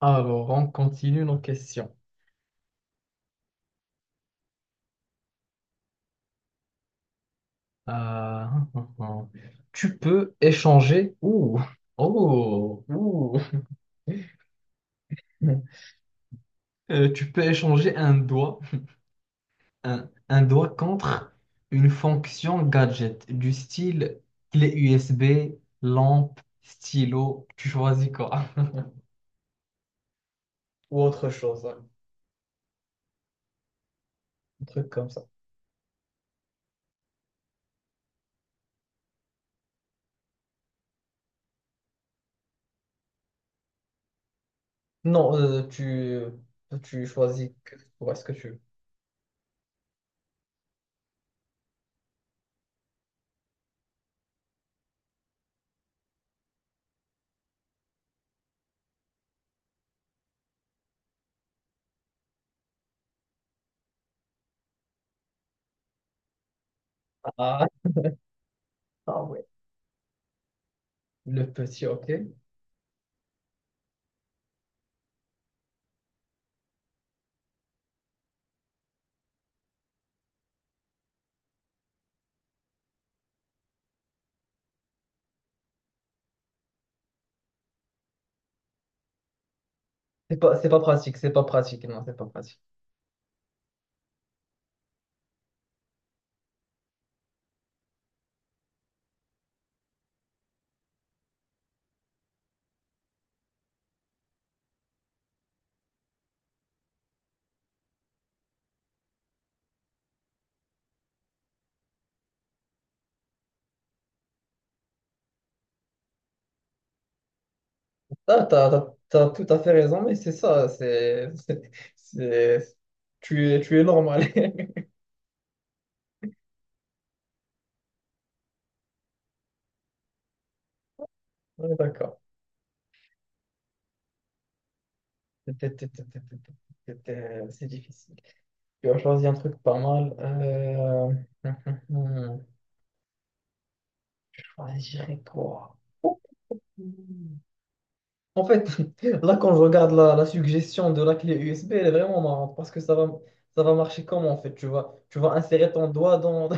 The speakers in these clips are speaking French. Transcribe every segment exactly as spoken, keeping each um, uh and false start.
Alors, on continue nos questions. Euh, tu peux échanger. Ouh, oh, ouh. Euh, tu peux échanger un doigt, un, un doigt contre une fonction gadget du style clé U S B, lampe, stylo. Tu choisis quoi? Ou autre chose, hein, un truc comme ça. Non, euh, tu, tu choisis que- est ce que tu veux. Ah, ah ouais. Le petit, ok. C'est pas, c'est pas pratique, c'est pas pratique, non, c'est pas pratique. Ah, t'as, t'as, t'as tout à fait raison, mais c'est ça, c'est, c'est, c'est- tu es, tu es normal. Ouais, d'accord. c'était c'était c'était c'était t'es- t'es- c'est difficile. Tu as choisi un truc pas mal. Euh... Je choisirais quoi? Oh. En fait, là, quand je regarde la, la suggestion de la clé U S B, elle est vraiment marrante parce que ça va, ça va marcher comment, en fait? Tu vas, tu vas insérer ton doigt dans,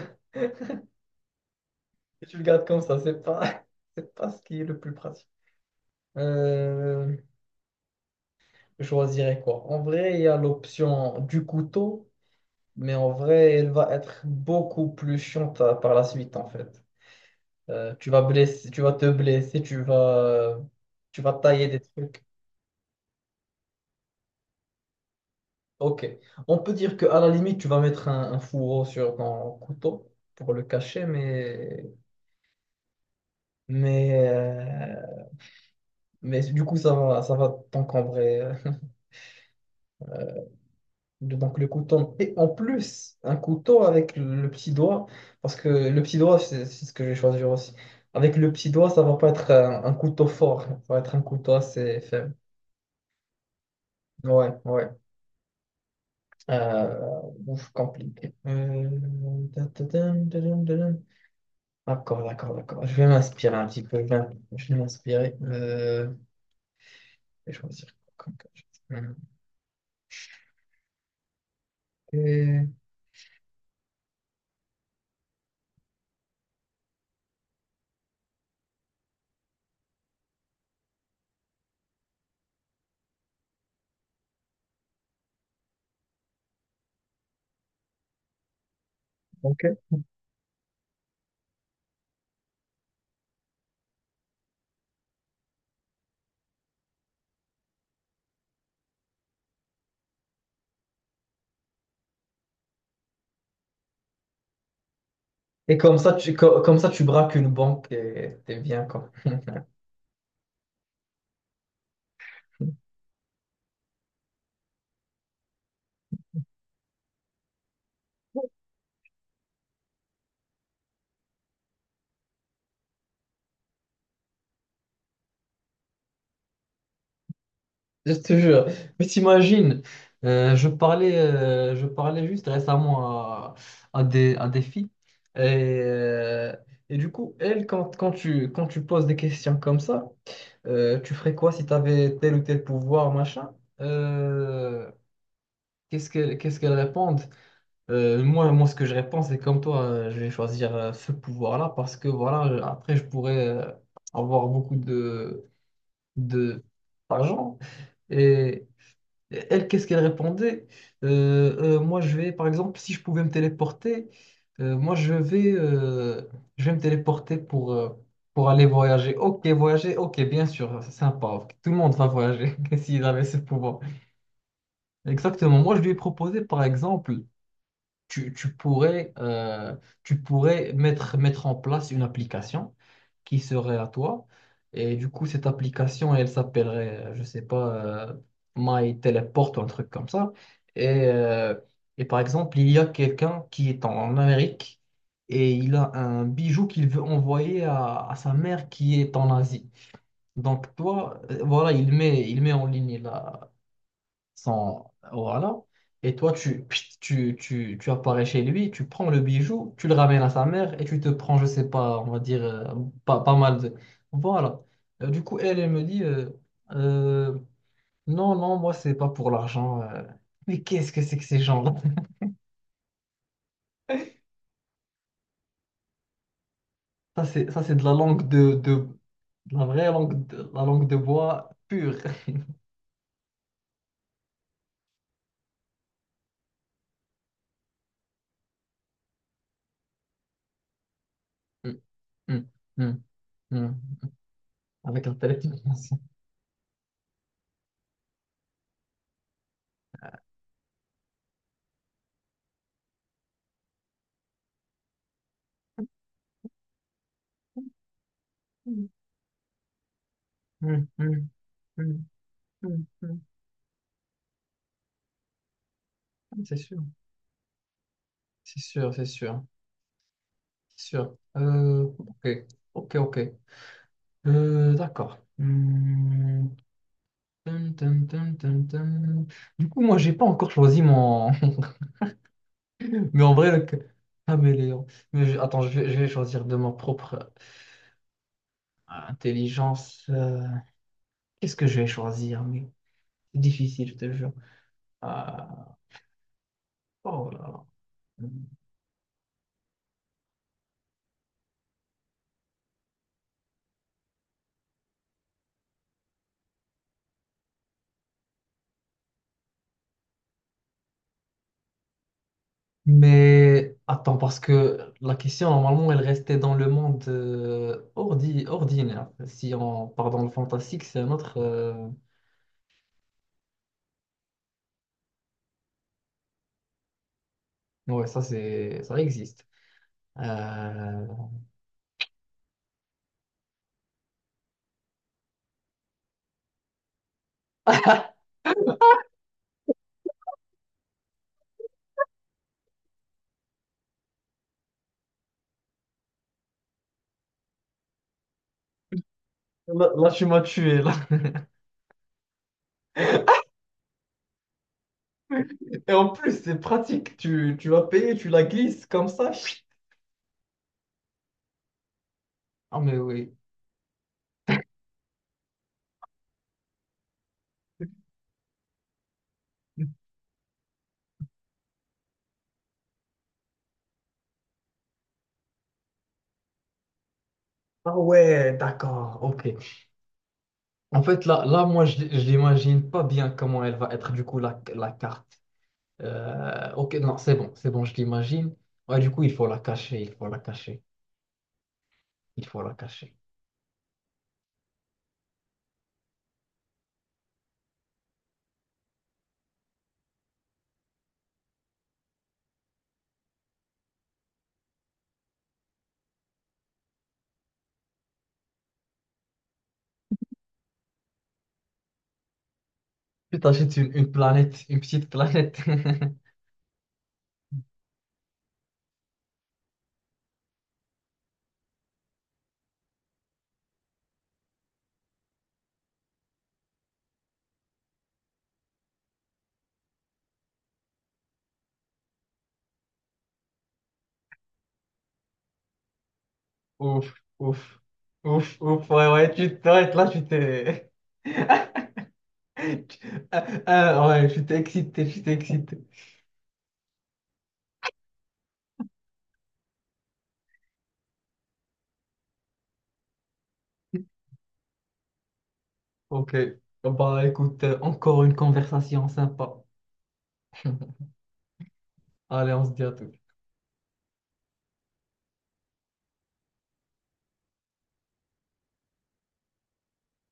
tu le gardes comme ça, c'est pas, c'est pas ce qui est le plus pratique. Euh, je choisirais quoi? En vrai, il y a l'option du couteau, mais en vrai, elle va être beaucoup plus chiante à- par la suite, en fait. Euh, tu vas blesser, tu vas te blesser, tu vas, tu vas tailler des trucs. Ok. On peut dire qu'à la limite, tu vas mettre un, un fourreau sur ton couteau pour le cacher, mais, mais, euh, mais du coup, ça va, ça va t'encombrer. euh, Donc le couteau, et en plus, un couteau avec le petit doigt, parce que le petit doigt, c'est c'est ce que je vais choisir aussi. Avec le petit doigt, ça va pas être un, un couteau fort, ça va être un couteau assez faible. Ouais, ouais. Euh, ouf, compliqué. Euh, tadadam, tadadam, tadam. D'accord, d'accord, d'accord. Je vais m'inspirer un petit peu. Je vais, je vais m'inspirer. Euh, je vais choisir. comme que je- Hum. Et, ok. Et comme ça, tu, co- comme ça, tu braques une banque et t'es bien, quoi. Je te jure. Mais t'imagines, euh, je parlais, euh, je parlais juste récemment à, à des, à des filles. Et, euh, et du coup, elles, quand, quand tu, quand tu poses des questions comme ça, euh, tu ferais quoi si tu avais tel ou tel pouvoir, machin? Euh, qu'est-ce que, qu'est-ce qu'elles répondent? Euh, moi, moi, ce que je réponds, c'est comme toi, euh, je vais choisir euh, ce pouvoir-là parce que voilà, je- après, je pourrais euh, avoir beaucoup de, de, d'argent. Et Elle, qu'est-ce qu'elle répondait? Euh, euh, moi, je vais, par exemple, si je pouvais me téléporter, euh, moi, je vais, euh, je vais me téléporter pour, euh, pour aller voyager. Ok, voyager, ok, bien sûr, c'est sympa. Ok, tout le monde va voyager s'il avait ce pouvoir. Exactement. Moi, je lui ai proposé, par exemple, tu, tu pourrais, euh, tu pourrais mettre, mettre en place une application qui serait à toi. Et du coup, cette application, elle s'appellerait, euh, je sais pas, euh, My Teleport ou un truc comme ça. Et, euh, et par exemple, il y a quelqu'un qui est en en Amérique et il a un bijou qu'il veut envoyer à, à sa mère qui est en Asie. Donc toi, euh, voilà, il met, il met en ligne sans- Voilà. Et toi, tu, pchit, tu, tu, tu apparais chez lui, tu prends le bijou, tu le ramènes à sa mère et tu te prends, je sais pas, on va dire, euh, pas, pas mal de... Voilà. Euh, du coup, elle, elle me dit, euh, Euh, non, non, moi, c'est pas pour l'argent. euh. Mais qu'est-ce que c'est que ces gens-là? Ça, c'est, ça, c'est de la langue de, de, de la vraie langue de, la langue de bois pure. Mm, mm, mm, mm. Avec la téléportation. Mm, mm, mm, mm, mm, mm. C'est sûr. C'est sûr, c'est sûr, c'est sûr. Euh, ok, ok, ok. Euh, d'accord. Hmm. Tum, tum, tum, tum, tum. Du coup, moi, j'ai pas encore choisi mon. Mais en vrai, le ca- caméléon. Mais je- attends, je vais, je vais choisir de ma propre euh, intelligence. Euh, Qu'est-ce que je vais choisir? Mais c'est difficile, je te jure. Ah, oh là là. Mais attends, parce que la question, normalement, elle restait dans le monde euh, ordi, ordinaire. Si on part dans le fantastique, c'est un autre... euh, Ouais, ça, c'est... ça existe. Euh, Là, là, tu m'as tué, là. Et en plus, c'est pratique. Tu, tu l'as payé, tu la glisses comme ça. Ah, mais oui. Ah ouais, d'accord, ok. En fait, là, là moi, je je l'imagine pas bien comment elle va être, du coup, la, la carte. Euh, ok, non, c'est bon, c'est bon, je l'imagine. Ouais, du coup, il faut la cacher, il faut la cacher, il faut la cacher. Tu t'achètes une, une planète, une petite planète. Ouf, ouf, ouf, ouf, ouais, ouais, tu t'arrêtes là, tu t'es. Ah, ah, ouais, je t'ai excité, je t'ai excité. Ok, bah écoute, euh, encore une conversation sympa. Allez, on se dit à tout.